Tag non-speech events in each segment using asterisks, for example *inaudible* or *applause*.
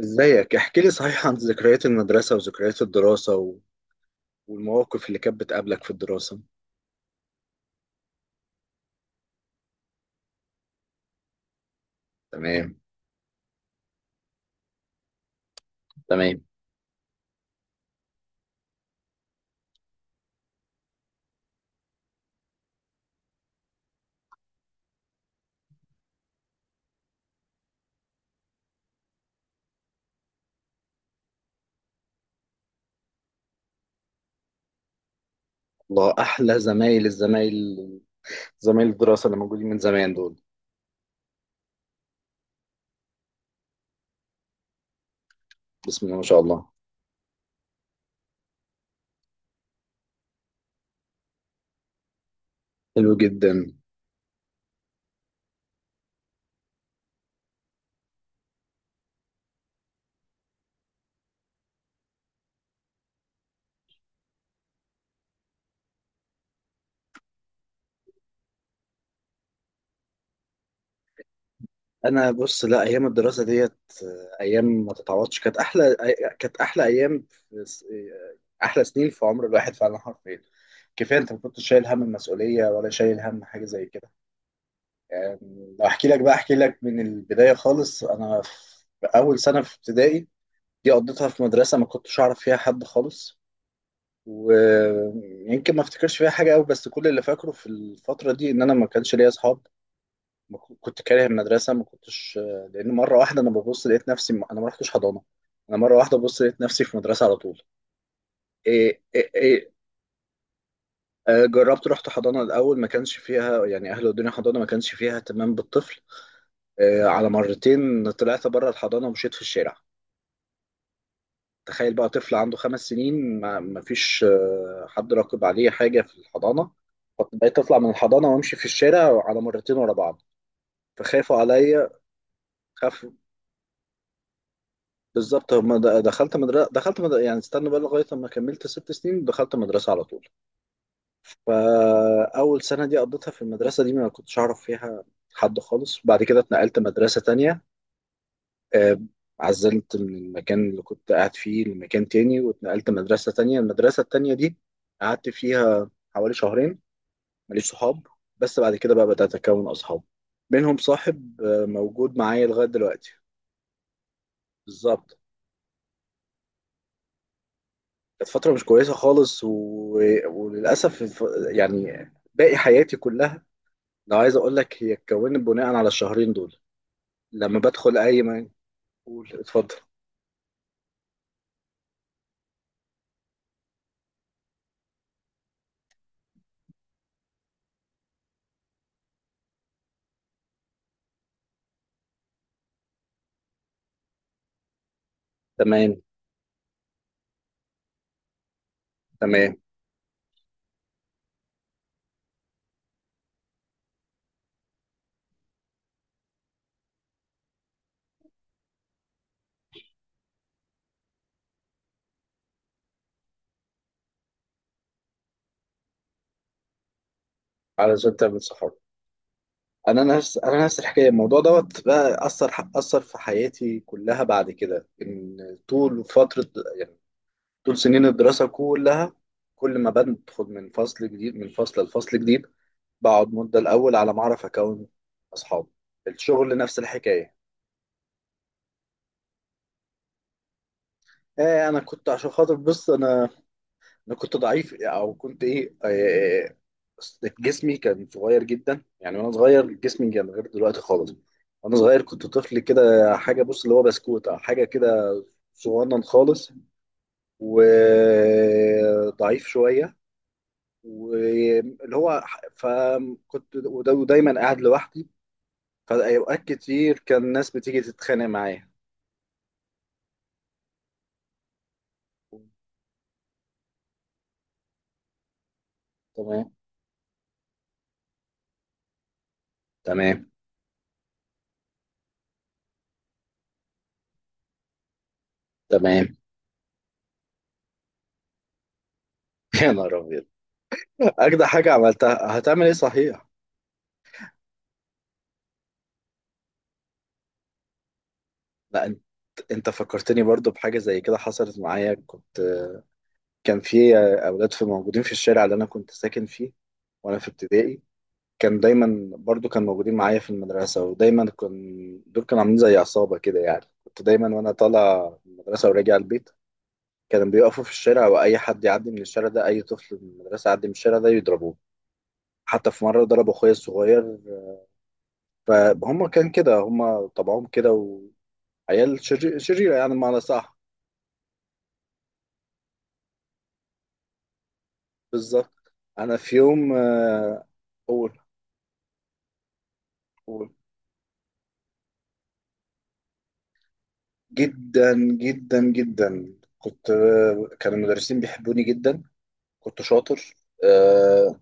ازيك، احكي لي صحيح عن ذكريات المدرسة وذكريات الدراسة والمواقف اللي كانت بتقابلك في الدراسة. تمام. تمام. الله، أحلى الزمايل، زمايل الدراسة اللي موجودين من زمان دول. بسم الله ما شاء الله. حلو جدا. أنا بص، لا، أيام الدراسة ديت، أيام ما تتعوضش، كانت كانت أحلى أيام في... س- آه، أحلى سنين في عمر الواحد فعلا، حرفيا. كفاية أنت ما كنتش شايل هم المسؤولية ولا شايل هم حاجة زي كده. يعني لو احكي لك، بقى احكي لك من البداية خالص. انا في اول سنة في ابتدائي، دي قضيتها في مدرسة ما كنتش اعرف فيها حد خالص، ويمكن ما افتكرش فيها حاجة قوي. بس كل اللي فاكره في الفترة دي ان انا ما كانش ليا اصحاب. ما ك- كنت كاره المدرسة، ما كنتش، لان مرة واحدة انا ببص لقيت نفسي انا ما رحتش حضانة. انا مرة واحدة ببص لقيت نفسي في مدرسة على طول. إيه، إيه، إيه، جربت رحت حضانة الأول، ما كانش فيها يعني أهل الدنيا، حضانة ما كانش فيها اهتمام بالطفل. على مرتين طلعت بره الحضانة ومشيت في الشارع. تخيل بقى طفل عنده 5 سنين، ما فيش حد راقب عليه حاجة في الحضانة. فبقيت أطلع من الحضانة وأمشي في الشارع على مرتين ورا بعض، فخافوا عليا، خاف. بالظبط، هم دخلت مدرسة، يعني استنى بقى لغاية لما كملت 6 سنين دخلت مدرسة على طول. فأول سنة دي قضيتها في المدرسة دي، ما كنتش أعرف فيها حد خالص. بعد كده اتنقلت مدرسة تانية. آه، عزلت من المكان اللي كنت قاعد فيه لمكان تاني، واتنقلت مدرسة تانية. المدرسة التانية دي قعدت فيها حوالي شهرين ماليش صحاب. بس بعد كده بقى بدأت أكون أصحاب، منهم صاحب موجود معايا لغاية دلوقتي. بالظبط، كانت فترة مش كويسة خالص، وللأسف يعني باقي حياتي كلها، لو عايز أقول لك، هي اتكونت بناء على الشهرين دول. لما بدخل أي مكان، قول، اتفضل. تمام. تمام. علشان تعمل صحاب. انا نفس الحكايه، الموضوع دوت بقى اثر في حياتي كلها بعد كده، ان طول فتره، يعني طول سنين الدراسه كلها، كل ما بدخل من فصل جديد، من فصل لفصل جديد، بقعد مده الاول على ما اعرف اكون اصحاب. الشغل نفس الحكايه. ايه، انا كنت عشان خاطر، بص، انا كنت ضعيف، او كنت ايه، جسمي كان صغير جدا يعني. وانا صغير جسمي كان غير دلوقتي خالص. وانا صغير كنت طفل كده، حاجه، بص، اللي هو بسكوت او حاجه كده، صغنن خالص وضعيف شويه، واللي هو فكنت ودايما قاعد لوحدي. فاوقات كتير كان الناس بتيجي تتخانق معايا. تمام. تمام. تمام. *laughs* يا نهار ابيض! اجدع حاجه عملتها، هتعمل ايه صحيح. لا، انت فكرتني برضو بحاجة زي كده حصلت معايا. كنت، كان في اولاد في موجودين في الشارع اللي انا كنت ساكن فيه، وانا في ابتدائي، كان دايما برضو كان موجودين معايا في المدرسة، ودايما كان دول كانوا عاملين زي عصابة كده. يعني كنت دايما وانا طالع من المدرسة وراجع البيت، كانوا بيقفوا في الشارع، واي حد يعدي من الشارع ده، اي طفل من المدرسة يعدي من الشارع ده يضربوه. حتى في مرة ضربوا اخويا الصغير. فهم كان كده، هم طبعهم كده، وعيال شريرة، يعني بمعنى صح. بالظبط. انا في يوم، اول، اول جدا جدا جدا كنت، كان المدرسين بيحبوني جدا. كنت شاطر. آه،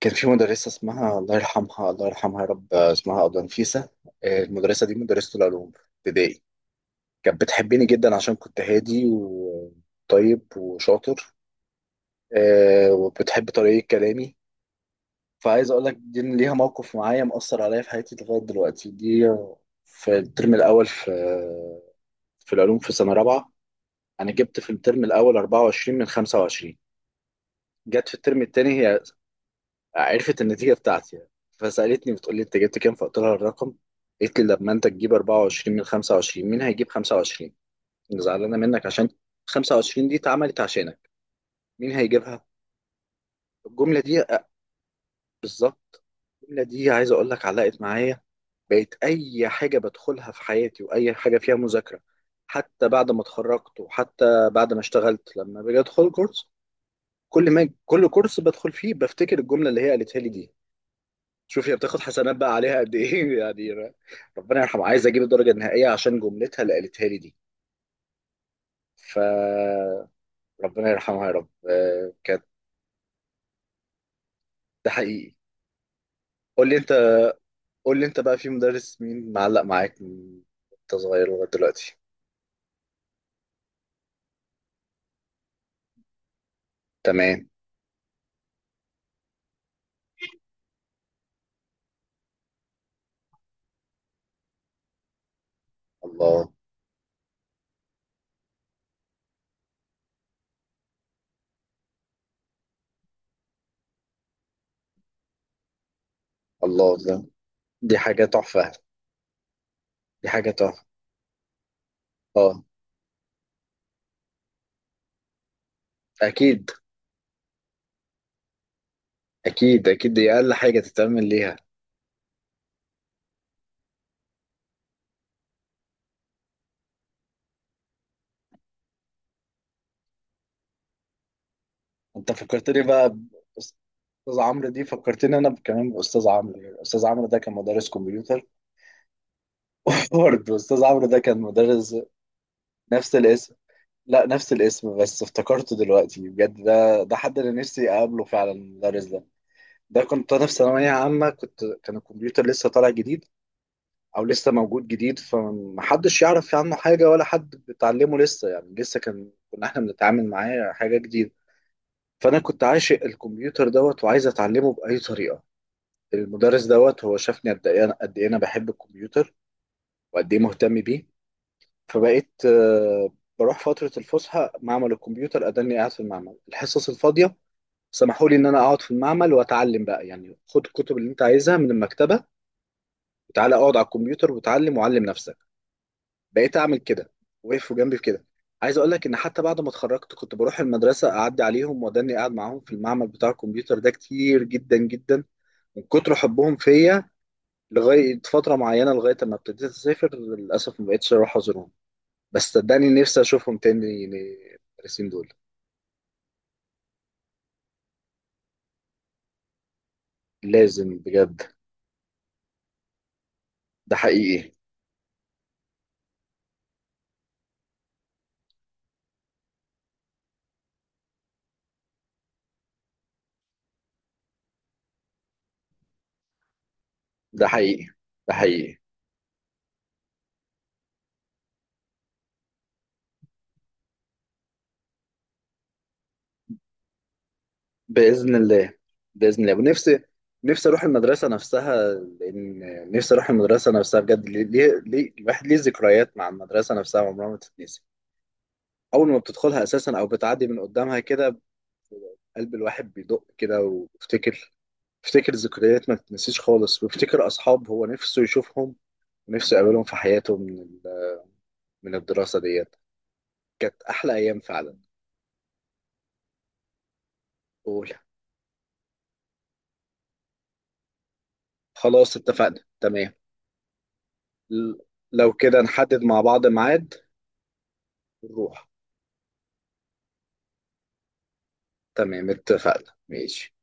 كان في مدرسة اسمها، الله يرحمها، الله يرحمها يا رب، اسمها أبلة نفيسة. المدرسة دي مدرسة العلوم في ابتدائي. كانت بتحبني جدا عشان كنت هادي وطيب وشاطر. وبتحب طريقة كلامي. فعايز اقول لك، دي ليها موقف معايا مأثر عليا في حياتي لغايه دلوقتي دي. في الترم الاول، في في العلوم في سنه رابعه، انا جبت في الترم الاول 24 من 25. جت في الترم الثاني هي، عرفت النتيجه بتاعتي يعني، فسالتني بتقول لي انت جبت كام، فقلت لها الرقم. قالت لي لما انت تجيب 24 من 25، مين هيجيب 25؟ أنا زعلانه منك، عشان 25 دي اتعملت عشانك، مين هيجيبها؟ الجمله دي، بالظبط، الجمله دي عايز اقول لك علقت معايا. بقيت اي حاجه بدخلها في حياتي، واي حاجه فيها مذاكره، حتى بعد ما اتخرجت، وحتى بعد ما اشتغلت، لما باجي ادخل كورس، كل ما كل كورس بدخل فيه بفتكر الجمله اللي هي قالتها لي دي. شوف هي بتاخد حسنات بقى عليها قد ايه *laughs* يعني ربنا يرحمها. عايز اجيب الدرجه النهائيه عشان جملتها اللي قالتها لي دي. فربنا يرحمها يا رب، كانت. ده حقيقي. قول لي انت، بقى في مدرس مين معلق معاك من انت صغير لغايه دلوقتي. تمام. الله، الله. ده، دي حاجة تحفة. دي حاجة تحفة. اه. أكيد. أكيد أكيد، دي أقل حاجة تتعمل ليها. أنت فكرتني بقى بأستاذ عمرو. دي فكرتني أنا كمان بأستاذ عمرو، أستاذ عمرو ده كان مدرس كمبيوتر. *laughs* برضه أستاذ عمرو ده كان مدرس، نفس الاسم. لا، نفس الاسم، بس افتكرته دلوقتي بجد، ده حد أنا نفسي أقابله فعلا، المدرس ده. ده كنت أنا في ثانوية عامة، كان الكمبيوتر لسه طالع جديد، او لسه موجود جديد، فمحدش يعرف عنه حاجه، ولا حد بيتعلمه لسه. يعني لسه كنا احنا بنتعامل معاه حاجه جديده. فانا كنت عاشق الكمبيوتر دوت، وعايز اتعلمه باي طريقه. المدرس دوت هو شافني قد ايه انا بحب الكمبيوتر، وقد ايه مهتم بيه. فبقيت، بروح فتره الفسحه معمل الكمبيوتر، اداني قاعد في المعمل الحصص الفاضيه. سمحوا لي ان انا اقعد في المعمل واتعلم بقى، يعني خد الكتب اللي انت عايزها من المكتبه، وتعالى اقعد على الكمبيوتر وتعلم وعلم نفسك. بقيت اعمل كده، وقفوا جنبي في كده. عايز اقول لك ان حتى بعد ما اتخرجت، كنت بروح المدرسه اعدي عليهم، واداني قاعد معاهم في المعمل بتاع الكمبيوتر ده كتير جدا جدا، من كتر حبهم فيا، لغايه فتره معينه، لغايه ما ابتديت اسافر، للاسف ما بقتش اروح ازورهم. بس صدقني نفسي اشوفهم تاني يعني، المدرسين دول. لازم بجد. ده حقيقي. ده حقيقي. ده حقيقي. بإذن الله. بإذن الله، ونفسي، نفسي أروح المدرسة نفسها، لأن نفسي أروح المدرسة نفسها بجد. ليه، ليه، الواحد ليه ذكريات مع المدرسة نفسها عمرها ما تتنسي. أول ما بتدخلها أساسا، أو بتعدي من قدامها كده، قلب الواحد بيدق كده وبيفتكر. بيفتكر ذكريات ما تتنسيش خالص، وبيفتكر أصحاب هو نفسه يشوفهم، ونفسه يقابلهم في حياته، من الدراسة ديت. كانت أحلى أيام فعلا. قول. خلاص، اتفقنا. تمام. ل- لو كده نحدد مع بعض ميعاد، ونروح. تمام اتفقنا، ماشي.